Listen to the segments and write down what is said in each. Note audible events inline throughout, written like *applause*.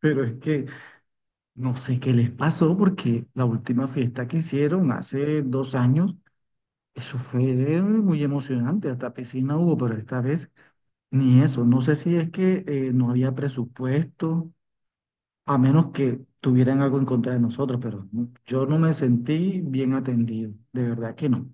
Pero es que no sé qué les pasó porque la última fiesta que hicieron hace 2 años, eso fue muy emocionante, hasta piscina hubo, pero esta vez ni eso. No sé si es que no había presupuesto, a menos que tuvieran algo en contra de nosotros, pero yo no me sentí bien atendido, de verdad que no.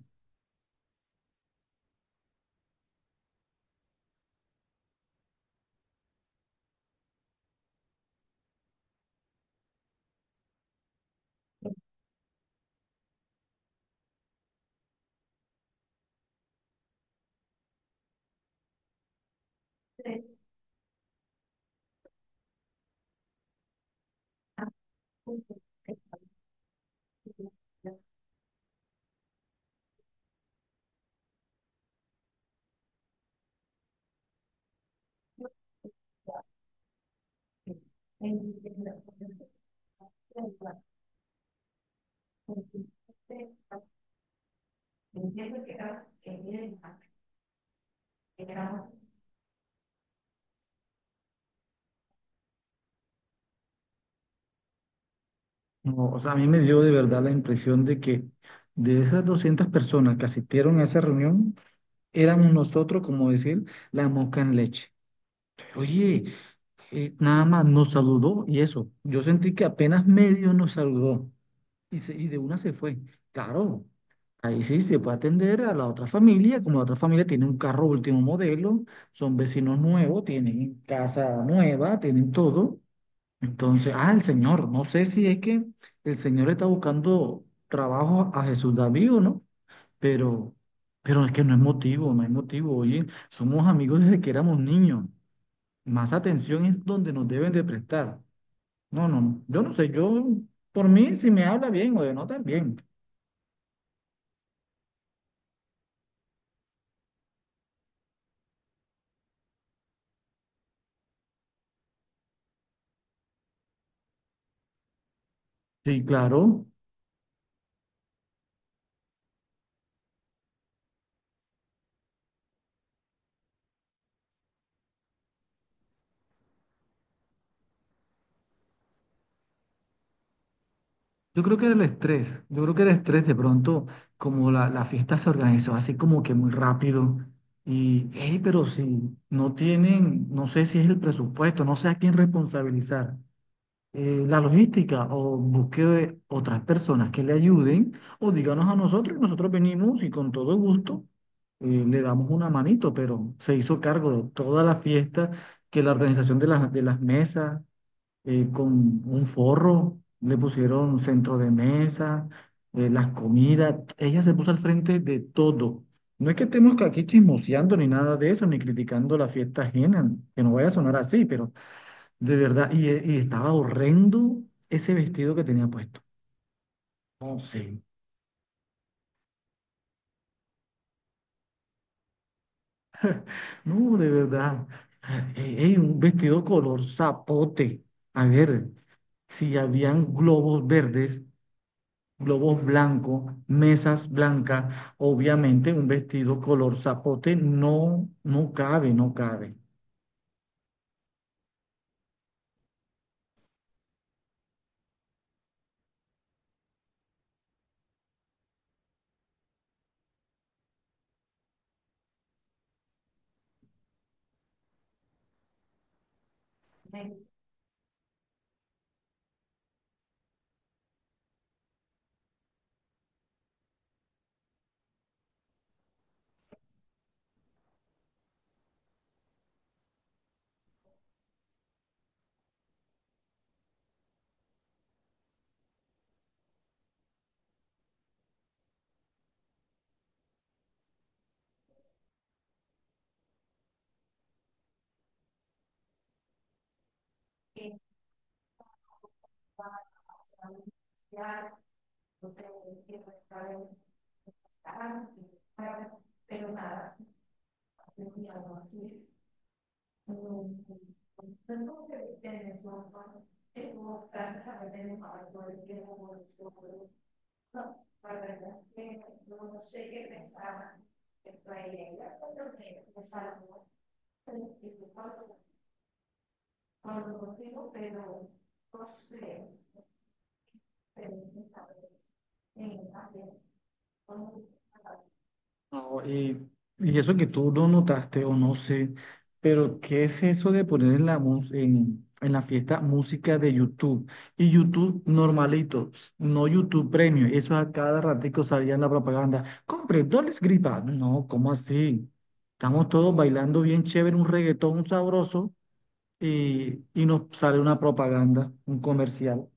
No, o sea, a mí me dio de verdad la impresión de que de esas 200 personas que asistieron a esa reunión, éramos nosotros, como decir, la mosca en leche. Oye, nada más nos saludó y eso. Yo sentí que apenas medio nos saludó y de una se fue. Claro, ahí sí se fue a atender a la otra familia, como la otra familia tiene un carro último modelo, son vecinos nuevos, tienen casa nueva, tienen todo. Entonces, ah, el señor, no sé si es que el señor está buscando trabajo a Jesús David o no, pero, pero es que no es motivo, no es motivo, oye, somos amigos desde que éramos niños. Más atención es donde nos deben de prestar. No, no, yo no sé, yo, por mí, si me habla bien o denota bien. Sí, claro. Yo creo que era el estrés, yo creo que era el estrés de pronto, como la fiesta se organizó así como que muy rápido. Y, hey, pero si no tienen, no sé si es el presupuesto, no sé a quién responsabilizar. La logística o busque otras personas que le ayuden o díganos a nosotros y nosotros venimos y con todo gusto le damos una manito, pero se hizo cargo de toda la fiesta, que la organización de las, mesas, con un forro, le pusieron centro de mesa, las comidas, ella se puso al frente de todo. No es que estemos aquí chismoseando ni nada de eso, ni criticando la fiesta ajena, que no vaya a sonar así, pero de verdad, y estaba horrendo ese vestido que tenía puesto. No sé, no, de verdad. Ey, ey, un vestido color zapote. A ver, si habían globos verdes, globos blancos, mesas blancas, obviamente un vestido color zapote no, no cabe, no cabe. No, y eso que tú no notaste o no sé, pero ¿qué es eso de poner en la fiesta música de YouTube? Y YouTube normalito, no YouTube Premium, eso a cada ratico salía en la propaganda. Compre, no les gripa. No, ¿cómo así? Estamos todos bailando bien chévere, un reggaetón sabroso y nos sale una propaganda, un comercial.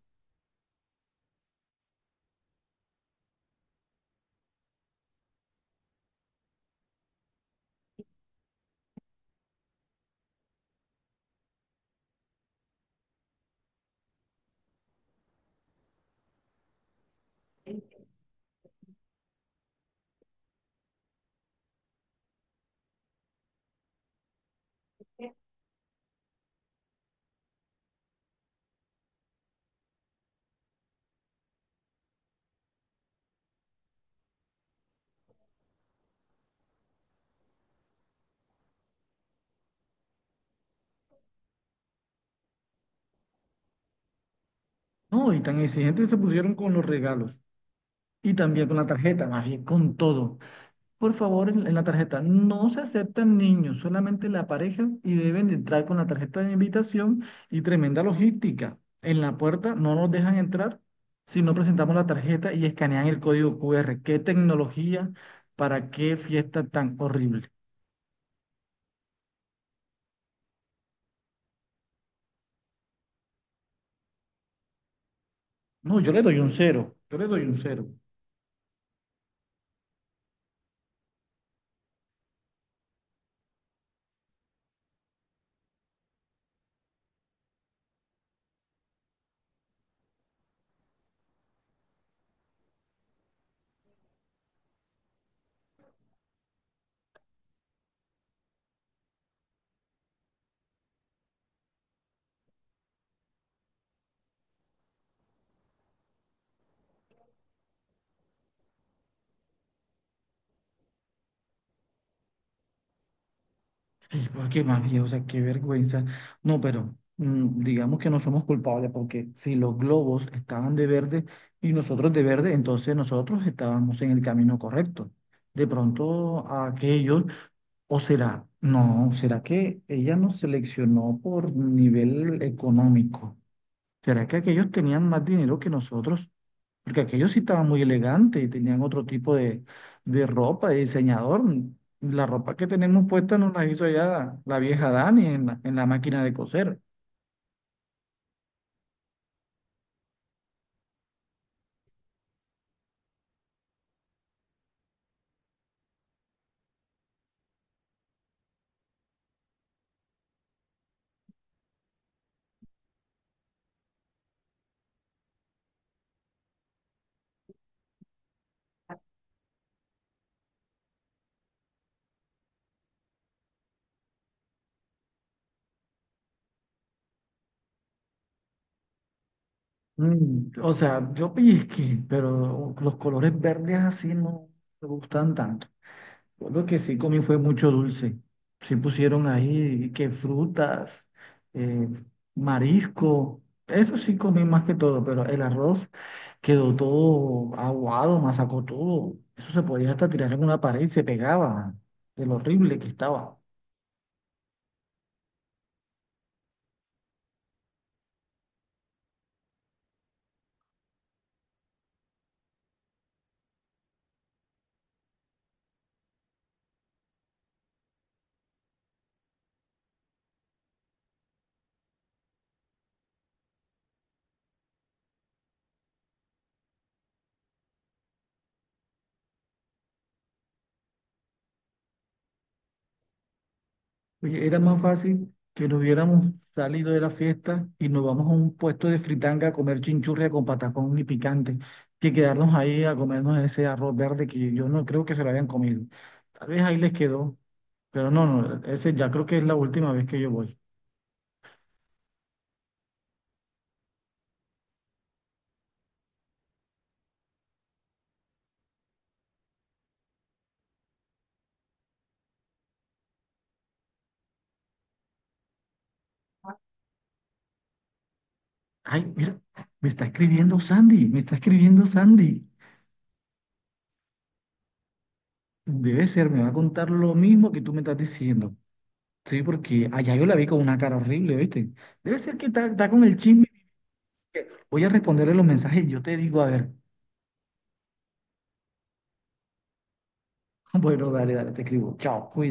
No, y tan exigentes se pusieron con los regalos y también con la tarjeta, más bien con todo. Por favor, en la tarjeta. No se aceptan niños, solamente la pareja y deben de entrar con la tarjeta de invitación y tremenda logística. En la puerta no nos dejan entrar si no presentamos la tarjeta y escanean el código QR. ¿Qué tecnología para qué fiesta tan horrible? No, yo le doy un cero. Yo le doy un cero. Sí, porque más bien, o sea, qué vergüenza. No, pero digamos que no somos culpables porque si los globos estaban de verde y nosotros de verde, entonces nosotros estábamos en el camino correcto. De pronto a aquellos, o será, no, será que ella nos seleccionó por nivel económico. ¿Será que aquellos tenían más dinero que nosotros? Porque aquellos sí estaban muy elegantes y tenían otro tipo de ropa, de diseñador. La ropa que tenemos puesta nos la hizo allá la vieja Dani en la máquina de coser. O sea, yo *laughs* pellizqué, pero los colores verdes así no me gustan tanto. Lo que sí comí fue mucho dulce. Sí pusieron ahí que frutas, eh, marisco. Eso sí comí más que todo, pero el arroz quedó todo aguado, masacó todo. Eso se podía hasta tirar en una pared y se pegaba de lo horrible que estaba. Oye, era más fácil que nos hubiéramos salido de la fiesta y nos vamos a un puesto de fritanga a comer chinchurria con patacón y picante, que quedarnos ahí a comernos ese arroz verde que yo no creo que se lo hayan comido. Tal vez ahí les quedó, pero no, no, ese ya creo que es la última vez que yo voy. Ay, mira, me está escribiendo Sandy, me está escribiendo Sandy. Debe ser, me va a contar lo mismo que tú me estás diciendo. Sí, porque allá yo la vi con una cara horrible, ¿viste? Debe ser que está con el chisme. Voy a responderle los mensajes y yo te digo, a ver, *laughs* bueno, dale, dale, te escribo. Chao, cuídate.